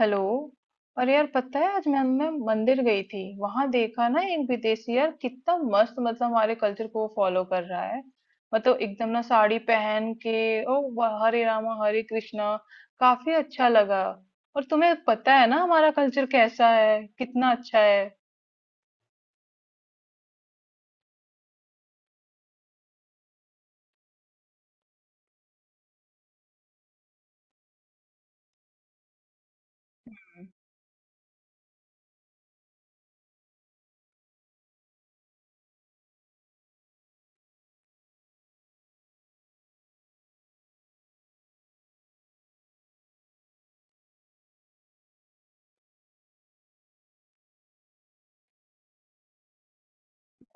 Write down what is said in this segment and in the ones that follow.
Hello. और यार, पता है आज मैं मंदिर गई थी। वहां देखा ना, एक विदेशी, यार कितना मस्त। मतलब हमारे कल्चर को वो फॉलो कर रहा है। मतलब एकदम ना साड़ी पहन के, ओ वाह, हरे रामा हरे कृष्णा। काफी अच्छा लगा। और तुम्हें पता है ना हमारा कल्चर कैसा है, कितना अच्छा है।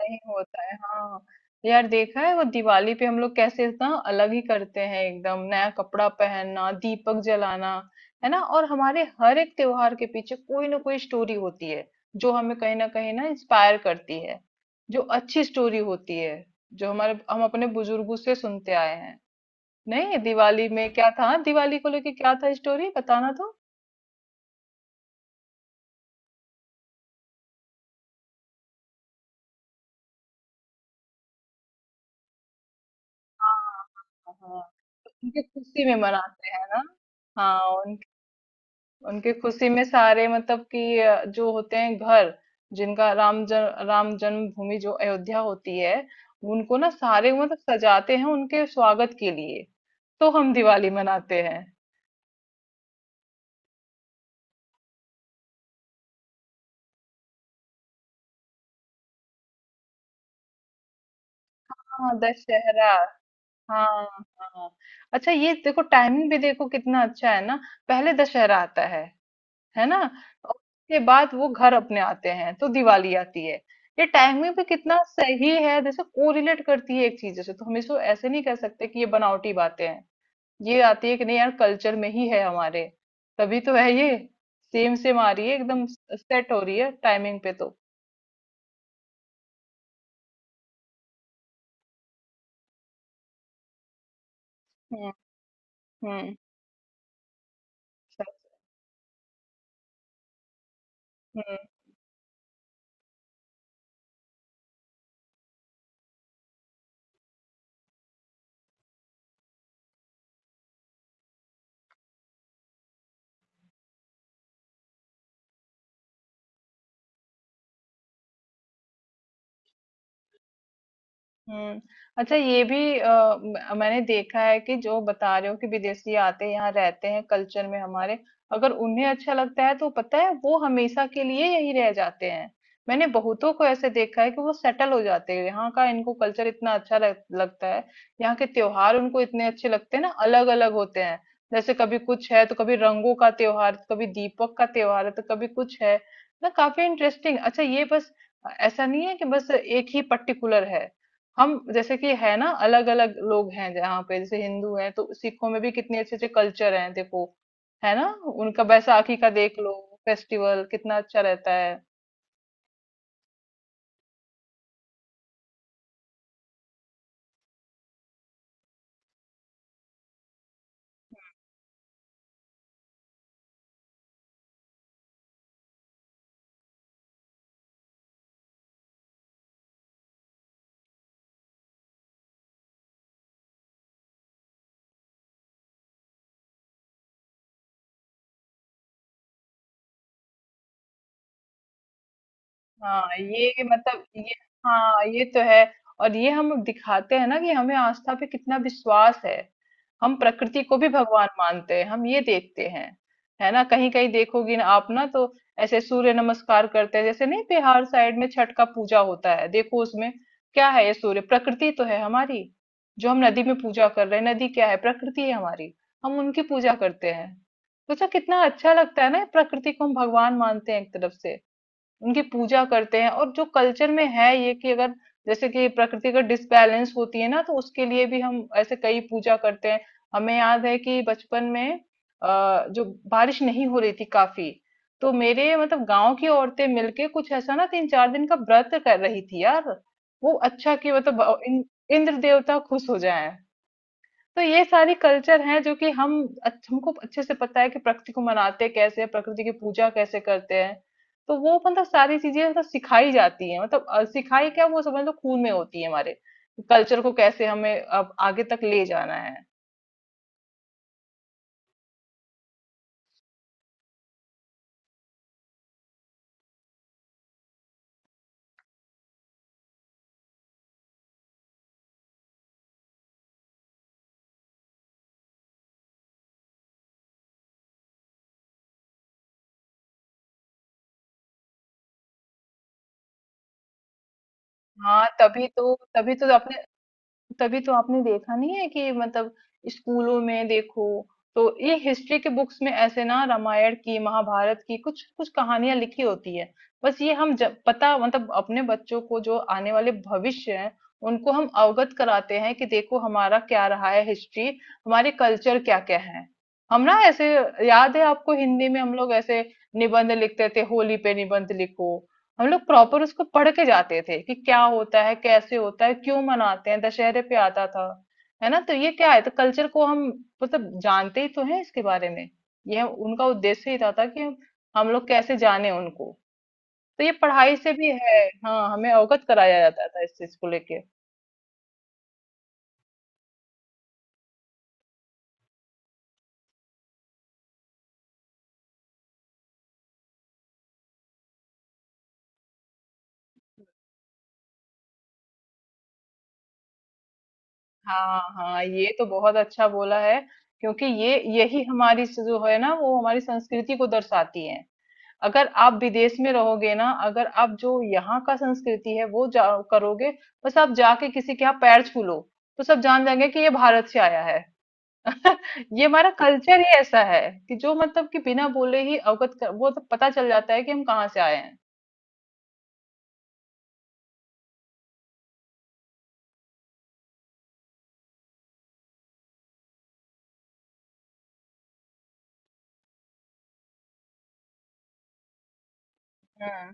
नहीं होता है, हाँ। यार, देखा है वो दिवाली पे हम लोग कैसे ना अलग ही करते हैं, एकदम नया कपड़ा पहनना, दीपक जलाना। है ना। और हमारे हर एक त्योहार के पीछे कोई ना कोई स्टोरी होती है, जो हमें कहीं ना इंस्पायर करती है, जो अच्छी स्टोरी होती है, जो हमारे हम अपने बुजुर्गों से सुनते आए हैं। नहीं दिवाली में क्या था, दिवाली को लेके क्या था, स्टोरी बताना तो। हाँ हाँ, हाँ, हाँ। तो उनकी खुशी में मनाते हैं ना। हाँ। उनकी खुशी में सारे मतलब कि जो होते हैं घर, जिनका राम ज, राम जन्मभूमि जो अयोध्या होती है, उनको ना सारे मतलब सजाते हैं उनके स्वागत के लिए। तो हम दिवाली मनाते हैं। हाँ दशहरा। हाँ। हाँ। अच्छा, ये देखो टाइमिंग भी, देखो कितना अच्छा है ना। पहले दशहरा आता है ना, और उसके बाद वो घर अपने आते हैं तो दिवाली आती है। ये टाइमिंग भी कितना सही है, जैसे कोरिलेट करती है एक चीज से। तो हम इसको ऐसे नहीं कह सकते कि ये बनावटी बातें हैं। ये आती है कि नहीं यार, कल्चर में ही है हमारे, तभी तो है ये। सेम सेम आ रही है एकदम, सेट हो रही है टाइमिंग पे तो। हम्म। हम्म। हम्म। अच्छा, ये भी मैंने देखा है कि जो बता रहे हो कि विदेशी आते हैं, यहाँ रहते हैं कल्चर में हमारे। अगर उन्हें अच्छा लगता है तो पता है वो हमेशा के लिए यही रह जाते हैं। मैंने बहुतों को ऐसे देखा है कि वो सेटल हो जाते हैं, यहाँ का इनको कल्चर इतना अच्छा लगता है। यहाँ के त्योहार उनको इतने अच्छे लगते हैं ना, अलग अलग होते हैं। जैसे कभी कुछ है तो कभी रंगों का त्योहार, कभी दीपक का त्योहार है तो कभी कुछ है ना। काफी इंटरेस्टिंग। अच्छा, ये बस ऐसा नहीं है कि बस एक ही पर्टिकुलर है। हम जैसे कि है ना अलग अलग लोग हैं जहाँ पे, जैसे हिंदू हैं तो सिखों में भी कितने अच्छे अच्छे कल्चर हैं देखो, है ना। उनका बैसाखी का देख लो, फेस्टिवल कितना अच्छा रहता है। हाँ, ये मतलब ये, हाँ, ये तो है। और ये हम दिखाते हैं ना कि हमें आस्था पे कितना विश्वास है। हम प्रकृति को भी भगवान मानते हैं, हम ये देखते हैं, है ना? कहीं कहीं देखोगी ना आप ना तो ऐसे सूर्य नमस्कार करते हैं, जैसे नहीं, बिहार साइड में छठ का पूजा होता है। देखो उसमें क्या है, ये सूर्य प्रकृति तो है हमारी। जो हम नदी में पूजा कर रहे हैं, नदी क्या है? प्रकृति है हमारी। हम उनकी पूजा करते हैं। सोचा कितना अच्छा लगता है ना, ये प्रकृति को हम भगवान मानते हैं एक तरफ से, उनकी पूजा करते हैं। और जो कल्चर में है ये कि अगर जैसे कि प्रकृति का डिसबैलेंस होती है ना, तो उसके लिए भी हम ऐसे कई पूजा करते हैं। हमें याद है कि बचपन में जो बारिश नहीं हो रही थी काफी, तो मेरे मतलब गांव की औरतें मिलके कुछ ऐसा ना 3 4 दिन का व्रत कर रही थी यार। वो अच्छा कि मतलब इंद्र देवता खुश हो जाए। तो ये सारी कल्चर हैं जो कि हम, हमको अच्छे से पता है कि प्रकृति को मनाते कैसे हैं, प्रकृति की पूजा कैसे करते हैं। तो वो मतलब सारी चीजें मतलब सिखाई जाती है, मतलब सिखाई क्या, वो समझ लो खून में होती है हमारे, कल्चर को कैसे हमें अब आगे तक ले जाना है। हाँ, तभी तो अपने, तभी तो आपने देखा नहीं है कि मतलब स्कूलों में देखो तो ये हिस्ट्री के बुक्स में ऐसे ना रामायण की, महाभारत की कुछ कुछ कहानियां लिखी होती है। बस ये हम जब पता मतलब अपने बच्चों को, जो आने वाले भविष्य है, उनको हम अवगत कराते हैं कि देखो हमारा क्या रहा है हिस्ट्री, हमारे कल्चर क्या क्या है। हम ना ऐसे, याद है आपको हिंदी में हम लोग ऐसे निबंध लिखते थे, होली पे निबंध लिखो, हम लोग प्रॉपर उसको पढ़ के जाते थे कि क्या होता है, कैसे होता है, क्यों मनाते हैं, दशहरे पे आता था, है ना। तो ये क्या है, तो कल्चर को हम मतलब जानते ही तो हैं इसके बारे में। ये उनका उद्देश्य ही था कि हम लोग कैसे जाने उनको। तो ये पढ़ाई से भी है। हाँ, हमें अवगत कराया जाता था इस चीज को लेके। हाँ हाँ, ये तो बहुत अच्छा बोला है। क्योंकि ये यही हमारी जो है ना, वो हमारी संस्कृति को दर्शाती है। अगर आप विदेश में रहोगे ना, अगर आप जो यहाँ का संस्कृति है वो जा करोगे, बस आप जाके किसी के यहाँ पैर छू लो तो सब जान जाएंगे कि ये भारत से आया है। ये हमारा कल्चर ही ऐसा है कि जो मतलब कि बिना बोले ही वो तो पता चल जाता है कि हम कहाँ से आए हैं। हम्म।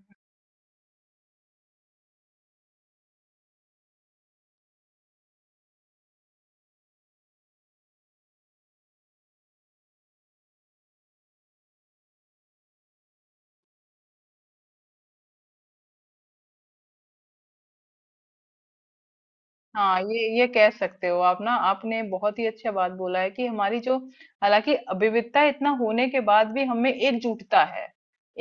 हाँ, ये कह सकते हो आप ना, आपने बहुत ही अच्छा बात बोला है कि हमारी जो, हालाँकि विविधता इतना होने के बाद भी हमें एकजुटता है।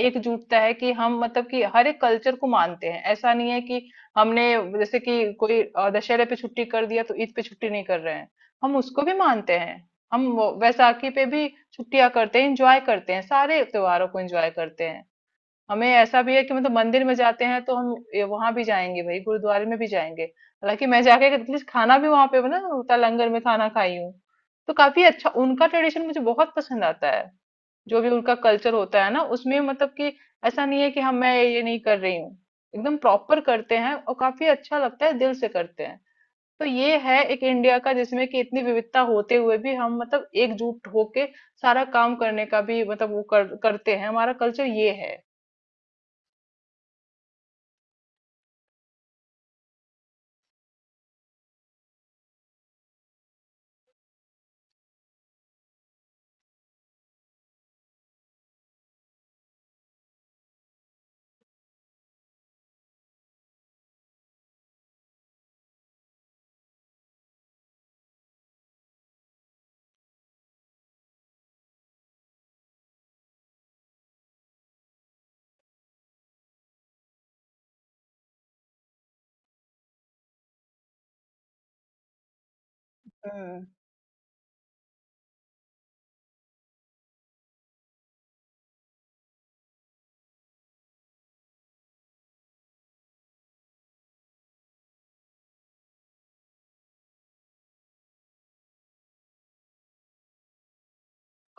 एकजुटता है कि हम मतलब कि हर एक कल्चर को मानते हैं। ऐसा नहीं है कि हमने, जैसे कि कोई दशहरे पे छुट्टी कर दिया तो ईद पे छुट्टी नहीं कर रहे हैं। हम उसको भी मानते हैं। हम वो वैसाखी पे भी छुट्टियाँ करते हैं, एन्जॉय करते हैं, सारे त्योहारों को एन्जॉय करते हैं। हमें ऐसा भी है कि मतलब मंदिर में जाते हैं तो हम ये वहां भी जाएंगे, भाई गुरुद्वारे में भी जाएंगे। हालांकि मैं जाके एटलीस्ट खाना भी वहां पे ना उता लंगर में खाना खाई हूँ। तो काफी अच्छा उनका ट्रेडिशन मुझे बहुत पसंद आता है। जो भी उनका कल्चर होता है ना उसमें मतलब कि ऐसा नहीं है कि हम, मैं ये नहीं कर रही हूँ, एकदम प्रॉपर करते हैं और काफी अच्छा लगता है, दिल से करते हैं। तो ये है एक इंडिया का, जिसमें कि इतनी विविधता होते हुए भी हम मतलब एकजुट होके सारा काम करने का भी मतलब वो करते हैं, हमारा कल्चर ये है। हम्म।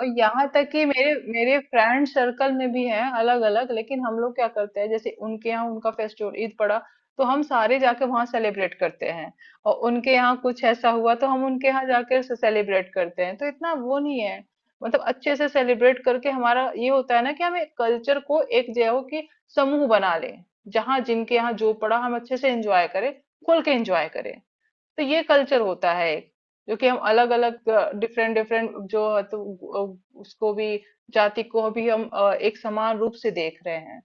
और यहाँ तक कि मेरे मेरे फ्रेंड सर्कल में भी हैं अलग अलग, लेकिन हम लोग क्या करते हैं जैसे उनके यहाँ उनका फेस्टिवल ईद पड़ा तो हम सारे जाके वहाँ सेलिब्रेट करते हैं, और उनके यहाँ कुछ ऐसा हुआ तो हम उनके यहाँ जाके सेलिब्रेट करते हैं, तो इतना वो नहीं है। मतलब अच्छे से सेलिब्रेट करके हमारा ये होता है ना कि हम एक कल्चर को, एक जो है वो कि समूह बना लें, जहाँ जिनके यहाँ जो पड़ा हम अच्छे से एंजॉय करें, खुल के एंजॉय करें। तो ये कल्चर होता है एक, जो कि हम अलग अलग डिफरेंट डिफरेंट जो है तो उसको भी जाति को भी हम एक समान रूप से देख रहे हैं।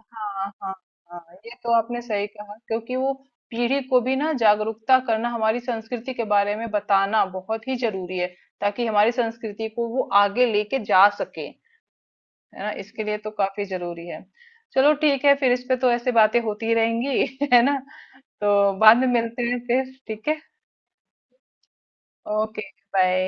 हाँ हाँ। हाँ ये तो आपने सही कहा, क्योंकि वो पीढ़ी को भी ना जागरूकता करना हमारी संस्कृति के बारे में बताना बहुत ही जरूरी है, ताकि हमारी संस्कृति को वो आगे लेके जा सके, है ना, इसके लिए तो काफी जरूरी है। चलो ठीक है, फिर इस पे तो ऐसे बातें होती रहेंगी है ना, तो बाद में मिलते हैं फिर, ठीक है। Okay bye.